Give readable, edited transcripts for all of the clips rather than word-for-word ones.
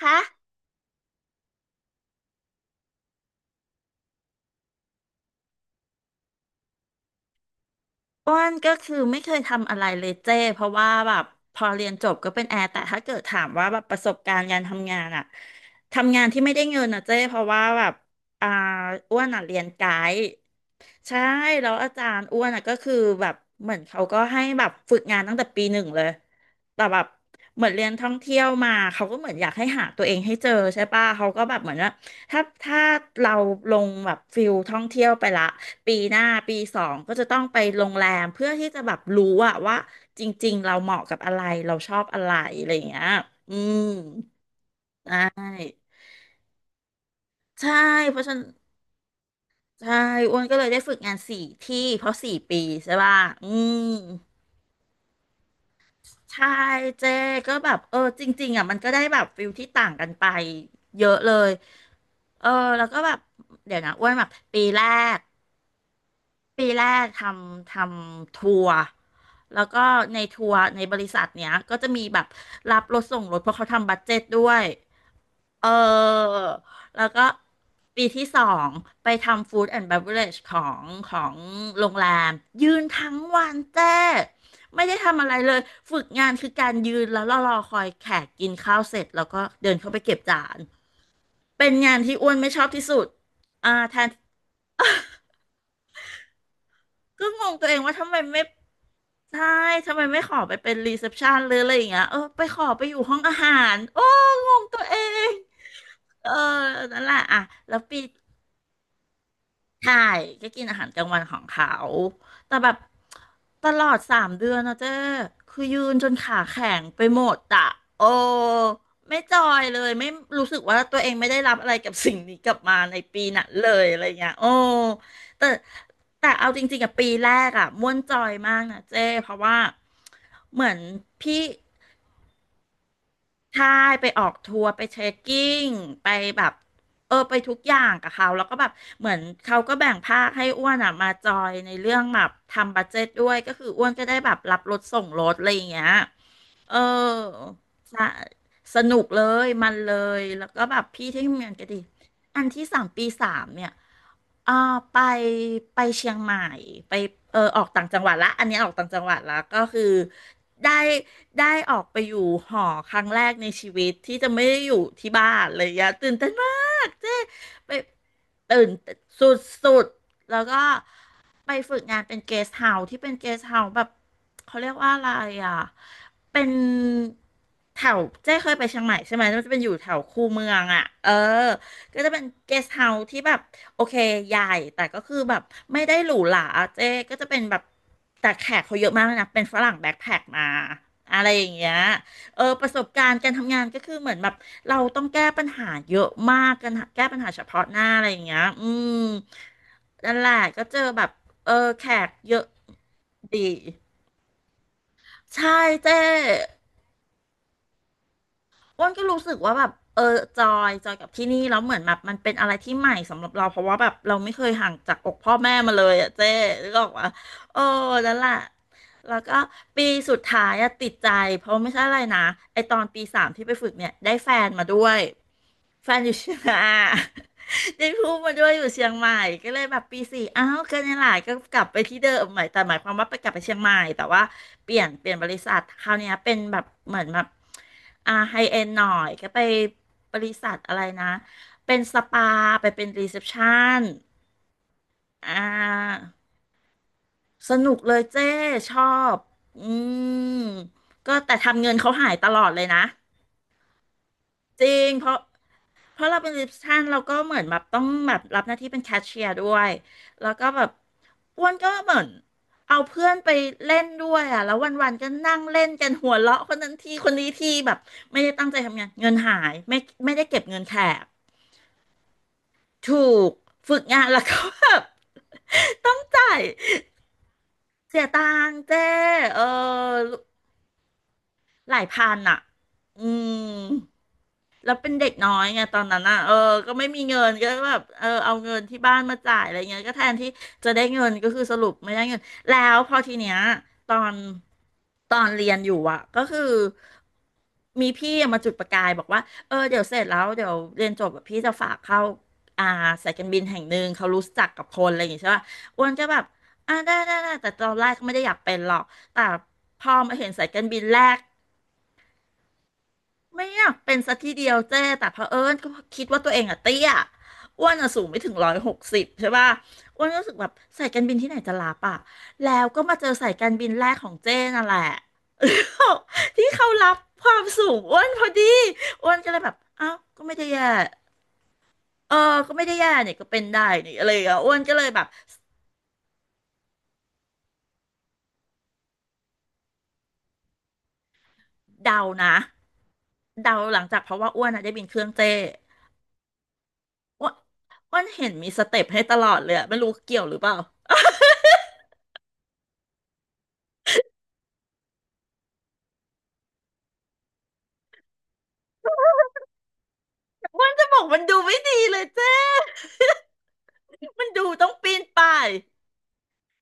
คะอ้วนก็คือไม่เคยทำอะไรเลยเจ้เพราะว่าแบบพอเรียนจบก็เป็นแอร์แต่ถ้าเกิดถามว่าแบบประสบการณ์การทำงานอะทำงานที่ไม่ได้เงินอะเจ้เพราะว่าแบบอ่าอ้วนอะเรียนไกด์ ใช่แล้วอาจารย์อ้วนอ่ะก็คือแบบเหมือนเขาก็ให้แบบฝึกงานตั้งแต่ปีหนึ่งเลยแต่แบบเหมือนเรียนท่องเที่ยวมาเขาก็เหมือนอยากให้หาตัวเองให้เจอใช่ป่ะเขาก็แบบเหมือนว่าถ้าเราลงแบบฟิลท่องเที่ยวไปละปีหน้าปีสองก็จะต้องไปโรงแรมเพื่อที่จะแบบรู้อะว่าจริงๆเราเหมาะกับอะไรเราชอบอะไรอะไรอย่างเงี้ยอืมใช่เพราะฉะนันใช่อ้วนก็เลยได้ฝึกงานสี่ที่เพราะสี่ปีใช่ป่ะอืม ใช่เจก็แบบเออจริงๆอ่ะมันก็ได้แบบฟิลที่ต่างกันไปเยอะเลยเออแล้วก็แบบเดี๋ยวนะอ้วนแบบปีแรกปีแรกทำทัวร์แล้วก็ในทัวร์ในบริษัทเนี้ยก็จะมีแบบรับรถส่งรถเพราะเขาทำบัดเจ็ตด้วย เออ แล้วก็ปีที่สองไปทำฟู้ดแอนด์ v บ r a g เของของโรงแรมยืนทั้งวันเจ้ไม่ได้ทำอะไรเลยฝึกงานคือการยืนแล้วรอคอยแขกกินข้าวเสร็จแล้วก็เดินเข้าไปเก็บจานเป็นงานที่อ้วนไม่ชอบที่สุดอ่าแทนก็งงตัวเองว่าทำไมไม่ใช่ทำไมไม่ขอไปเป็นรีเซพชันหรืออะไรอย่างเงี้ยเออไปขอไปอยู่ห้องอาหารโอ้งงตัวเองเออนั่นแหละอ่ะแล้วปี ใช่ก็กินอาหารกลางวันของเขาแต่แบบตลอดสามเดือนนะเจ้คือยืนจนขาแข็งไปหมดอะโอ้ไม่จอยเลยไม่รู้สึกว่าตัวเองไม่ได้รับอะไรกับสิ่งนี้กลับมาในปีนั้นเลยอะไรเงี้ยโอ้แต่แต่เอาจริงๆกับปีแรกอะม่วนจอยมากนะเจ้เพราะว่าเหมือนพี่ ใช่ไปออกทัวร์ไปเทรคกิ้งไปแบบเออไปทุกอย่างกับเขาแล้วก็แบบเหมือนเขาก็แบ่งภาคให้อ้วนอ่ะมาจอยในเรื่องแบบทำบัดเจ็ตด้วยก็คืออ้วนก็ได้แบบรับรถส่งรถอะไรอย่างเงี้ย เออสะสนุกเลยมันเลยแล้วก็แบบพี่ที่ทำงานก็ดีอันที่สามปีสามเนี่ยอ่าไปไปเชียงใหม่ไปเออออกต่างจังหวัดละอันนี้ออกต่างจังหวัดละก็คือได้ได้ออกไปอยู่หอครั้งแรกในชีวิตที่จะไม่ได้อยู่ที่บ้านเลยอยะตื่นเต้นมากเจ๊ไป ตื่นสุดสุดแล้วก็ไปฝึกงานเป็นเกสต์เฮาส์ที่เป็นเกสต์เฮาส์แบบเขาเรียกว่าอะไรอ่ะเป็นแถวเจ๊เคยไปเชียงใหม่ใช่ไหมมันจะเป็นอยู่แถวคูเมืองอ่ะ เออก็จะเป็นเกสต์เฮาส์ที่แบบโอเคใหญ่แต่ก็คือแบบไม่ได้หรูหราเจ๊ก็จะเป็นแบบแต่แขกเขาเยอะมากเลยนะเป็นฝรั่งแบ็คแพ็คมาอะไรอย่างเงี้ย เออประสบการณ์การทำงานก็คือเหมือนแบบเราต้องแก้ปัญหาเยอะมากกันแก้ปัญหาเฉพาะหน้าอะไรอย่างเงี้ยอืมนั่นแหละก็เจอแบบเออแขกเยอะดีใช่เจ้ อ้วนก็รู้สึกว่าแบบเออจอยกับที่นี่แล้วเหมือนแบบมันเป็นอะไรที่ใหม่สำหรับเราเพราะว่าแบบเราไม่เคยห่างจากอกพ่อแม่มาเลยอ่ะเจ๊นึกออกว่าโอ้นั่นแหละแล้วก็ปีสุดท้ายอะติดใจเพราะไม่ใช่อะไรนะไอตอนปีสามที่ไปฝึกเนี่ยได้แฟนมาด้วยแฟนอยู่ เชียงราย ได้พูดมาด้วยอยู่เชียงใหม่ก็เลยแบบปีสี่อ้าวก็เนี่ยแหละก็กลับไปที่เดิมใหม่แต่หมายความว่าไปกลับไปเชียงใหม่แต่ว่าเปลี่ยนบริษัทคราวเนี้ยเป็นแบบเหมือนแบบอ่าไฮเอ็นหน่อยก็ไปบริษัทอะไรนะเป็นสปาไปเป็นรีเซพชันอ่าสนุกเลยเจ้ชอบอืมก็แต่ทำเงินเขาหายตลอดเลยนะ จริงเพราะเราเป็นรีเซพชันเราก็เหมือนแบบต้องแบบรับหน้าที่เป็นแคชเชียร์ด้วยแล้วก็แบบอ้วนก็เหมือนเอาเพื่อนไปเล่นด้วยอ่ะแล้ววันๆก็นั่งเล่นกันหัวเราะคนนั้นทีคนนี้ทีแบบไม่ได้ตั้งใจทำงานเงินหายไม่ได้เก็บเงินแขกถูกฝึกงานแล้วก็แบบ ต้องจ่ายเสียตังค์เจ้เออ หลายพันอ่ะ อืมแล้วเป็นเด็กน้อยไงตอนนั้นอ่ะเออก็ไม่มีเงินก็แบบเออเอาเงินที่บ้านมาจ่ายอะไรเงี้ยก็แทนที่จะได้เงินก็คือสรุปไม่ได้เงินแล้วพอทีเนี้ยตอนตอนเรียนอยู่อ่ะก็คือมีพี่มาจุดประกายบอกว่าเออเดี๋ยวเสร็จแล้วเดี๋ยวเรียนจบแบบพี่จะฝากเข้าอ่าสายการบินแห่งหนึ่งเขารู้จักกับคนอะไรอย่างงี้ใช่ป่ะอ้วนก็แบบอ่าได้ได้ได้แต่ตอนแรกก็ไม่ได้อยากเป็นหรอกแต่พอมาเห็นสายการบินแรก ไม่อยากเป็นสักทีเดียวเจ้แต่เผอิญก็คิดว่าตัวเองอะเตี้ยอ้วนอะสูงไม่ถึง160ใช่ป่ะอ้วนก็รู้สึกแบบสายการบินที่ไหนจะรับอะแล้วก็มาเจอสายการบินแรกของเจ้นั่นแหละ ที่เขารับความสูงอ้วนพอดีอ้วนก็เลยแบบอ้าวก็ไม่ได้แย่เออก็ไม่ได้แย่เนี่ยก็เป็นได้นี่อะไรอย่างเงี้ยอ้วนก็เลยแบบเดานะเดาหลังจากเพราะว่าอ้วนอะได้บินเครื่องเจ้อ้วนอ้วนเห็นมีสเต็ปให้ตลอดเลยอะไม่รู้เกี่ยวหรือเปล่า มันจะบอกมันดูไม่ดีเลยเจ้ มันดูต้องปีนป่าย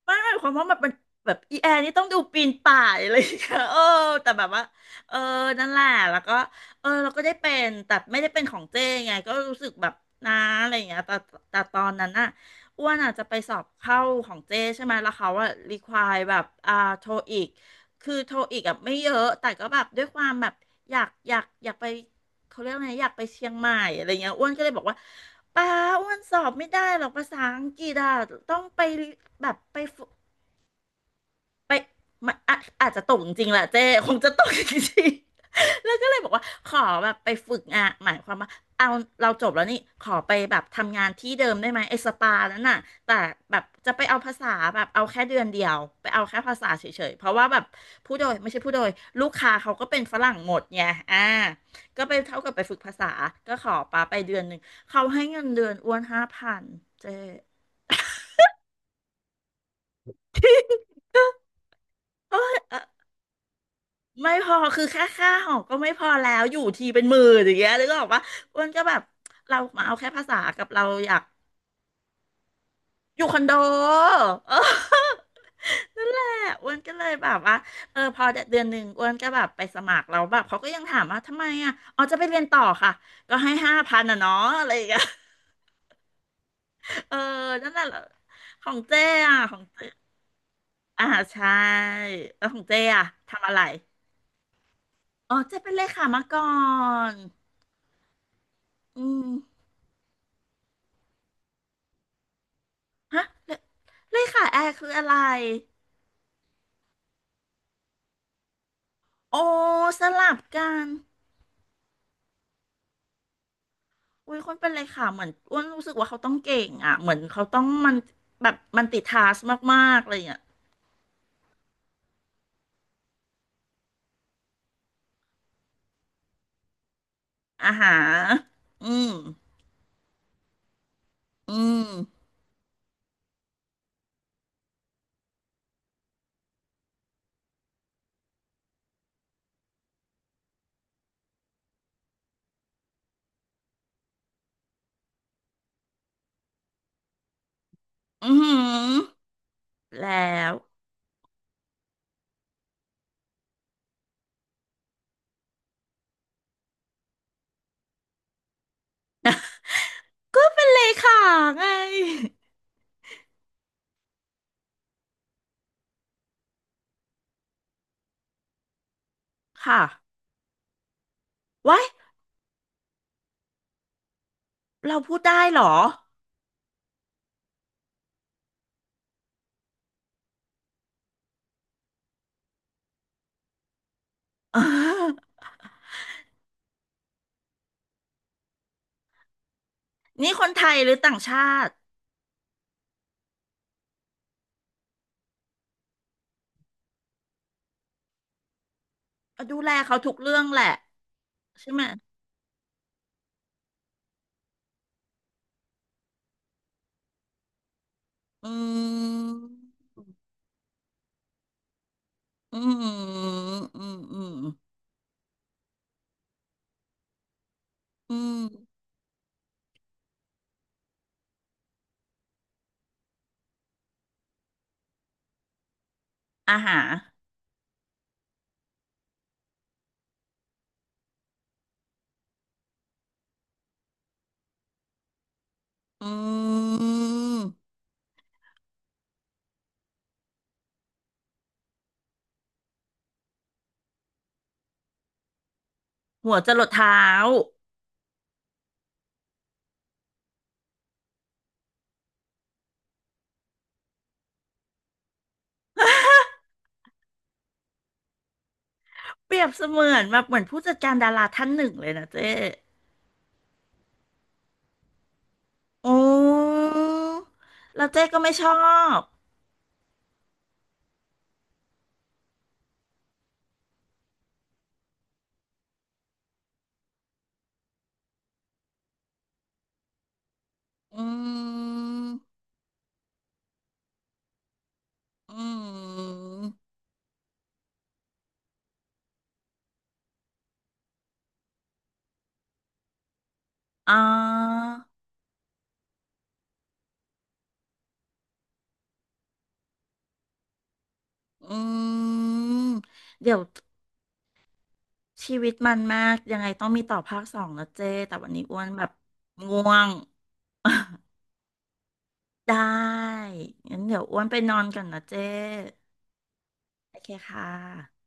มันหมายความว่ามันเป็นแบบอีแอร์นี่ต้องดูปีนป่ายเลยค่ะเออแต่แบบว่าเออนั่นแหละแล้วก็เออเราก็ได้เป็นแต่ไม่ได้เป็นของเจ้ไงก็รู้สึกแบบนะอะไรอย่างเงี้ยแต่ตอนนั้นน่ะอ้วนอาจจะไปสอบเข้าของเจ้ใช่ไหมแล้วเขาอะรีควายแบบอ่าโทอีกคือโทอีกอะไม่เยอะแต่ก็แบบด้วยความแบบอยากอยากอยากไป เขาเรียกไงอยากไปเชียงใหม่อะไรเงี้ยอ้วนก็เลยบอกว่าป้าอ้วนสอบไม่ได้หรอกภาษาอังกฤษอะต้องไปแบบไปฝึก ไปไม่อะอาจจะตกจริงๆแหละเจ้คงจะตกจริงๆ แล้วก็เลยบอกว่าขอแบบไปฝึกงานหมายความว่าเอาเราจบแล้วนี่ขอไปแบบทำงานที่เดิมได้ไหมไอ้สปานั้นน่ะแต่แบบจะไปเอาภาษาแบบเอาแค่เดือนเดียวไปเอาแค่ภาษาเฉยๆเพราะว่าแบบผู้โดยไม่ใช่ผู้โดยลูกค้าเขาก็เป็นฝรั่งหมดไงอ่าก็ไปเท่ากับไปฝึกภาษาก็ขอปาไปเดือนหนึ่งเขาให้เงินเดือนอ้วนห้าพันเจ้ ไม่พอคือแค่ค่าหอก็ไม่พอแล้วอยู่ทีเป็นหมื่นอย่างเงี้ยแล้อก็บอกว่าอ้วนก็แบบเรามาเอาแค่ภาษากับเราอยากอยู่คอนโดเออ นั่นแหละอ้วนก็เลยแบบว่าเออพอเดือนหนึ่งอ้วนก็แบบไปสมัครแล้วแบบเขาก็ยังถามว่าทำไมอ่ะอ๋อจะไปเรียนต่อค่ะก็ให้ห้าพันอ่ะเนาะอะไรอย่างเงี้ย เออนั่นแหละของเจ๊อ่ะของเจ๊อ่าใช่แล้วของเจ๊อ่ะทำอะไรอ๋อเจ๊เป็นเลขามาก่อนอืม ฮะเลเลขาแอร์คืออะไรโอ้สลับกันอุ้ยคนเป็นเลขาเหมือนอ้วนรู้สึกว่าเขาต้องเก่งอ่ะเหมือนเขาต้องมันแบบมันติดทาสมากๆอะไรอย่างเงี้ยอาหารอืมอืมอืมแล้วก็เป็นเลขาไงค่ะไว้ายเราพูดได้เหรออ่า นี่คนไทยหรือต่างชาติดูแลเขาทุกเรื่องแหละใช่ไหมอืม อืมอืมอืมอืมอาหารอืมหัวจรดเท้าเปรียบเสมือนแบบเหมือนผู้จัดการดาราท่านหนึ่งเลยนะเจ๊โอ้แล้วเจ๊ก็ไม่ชอบอืมอืมอ่าอืมเดี๋ยวชีวิตมันมากยังไงต้องมีต่อภาคสองนะเจ๊แต่วันนี้อ้วนแบบง่วง ได้งั้นเดี๋ยวอ้วนไปนอนก่อนนะเจ๊ โอเคค่ะ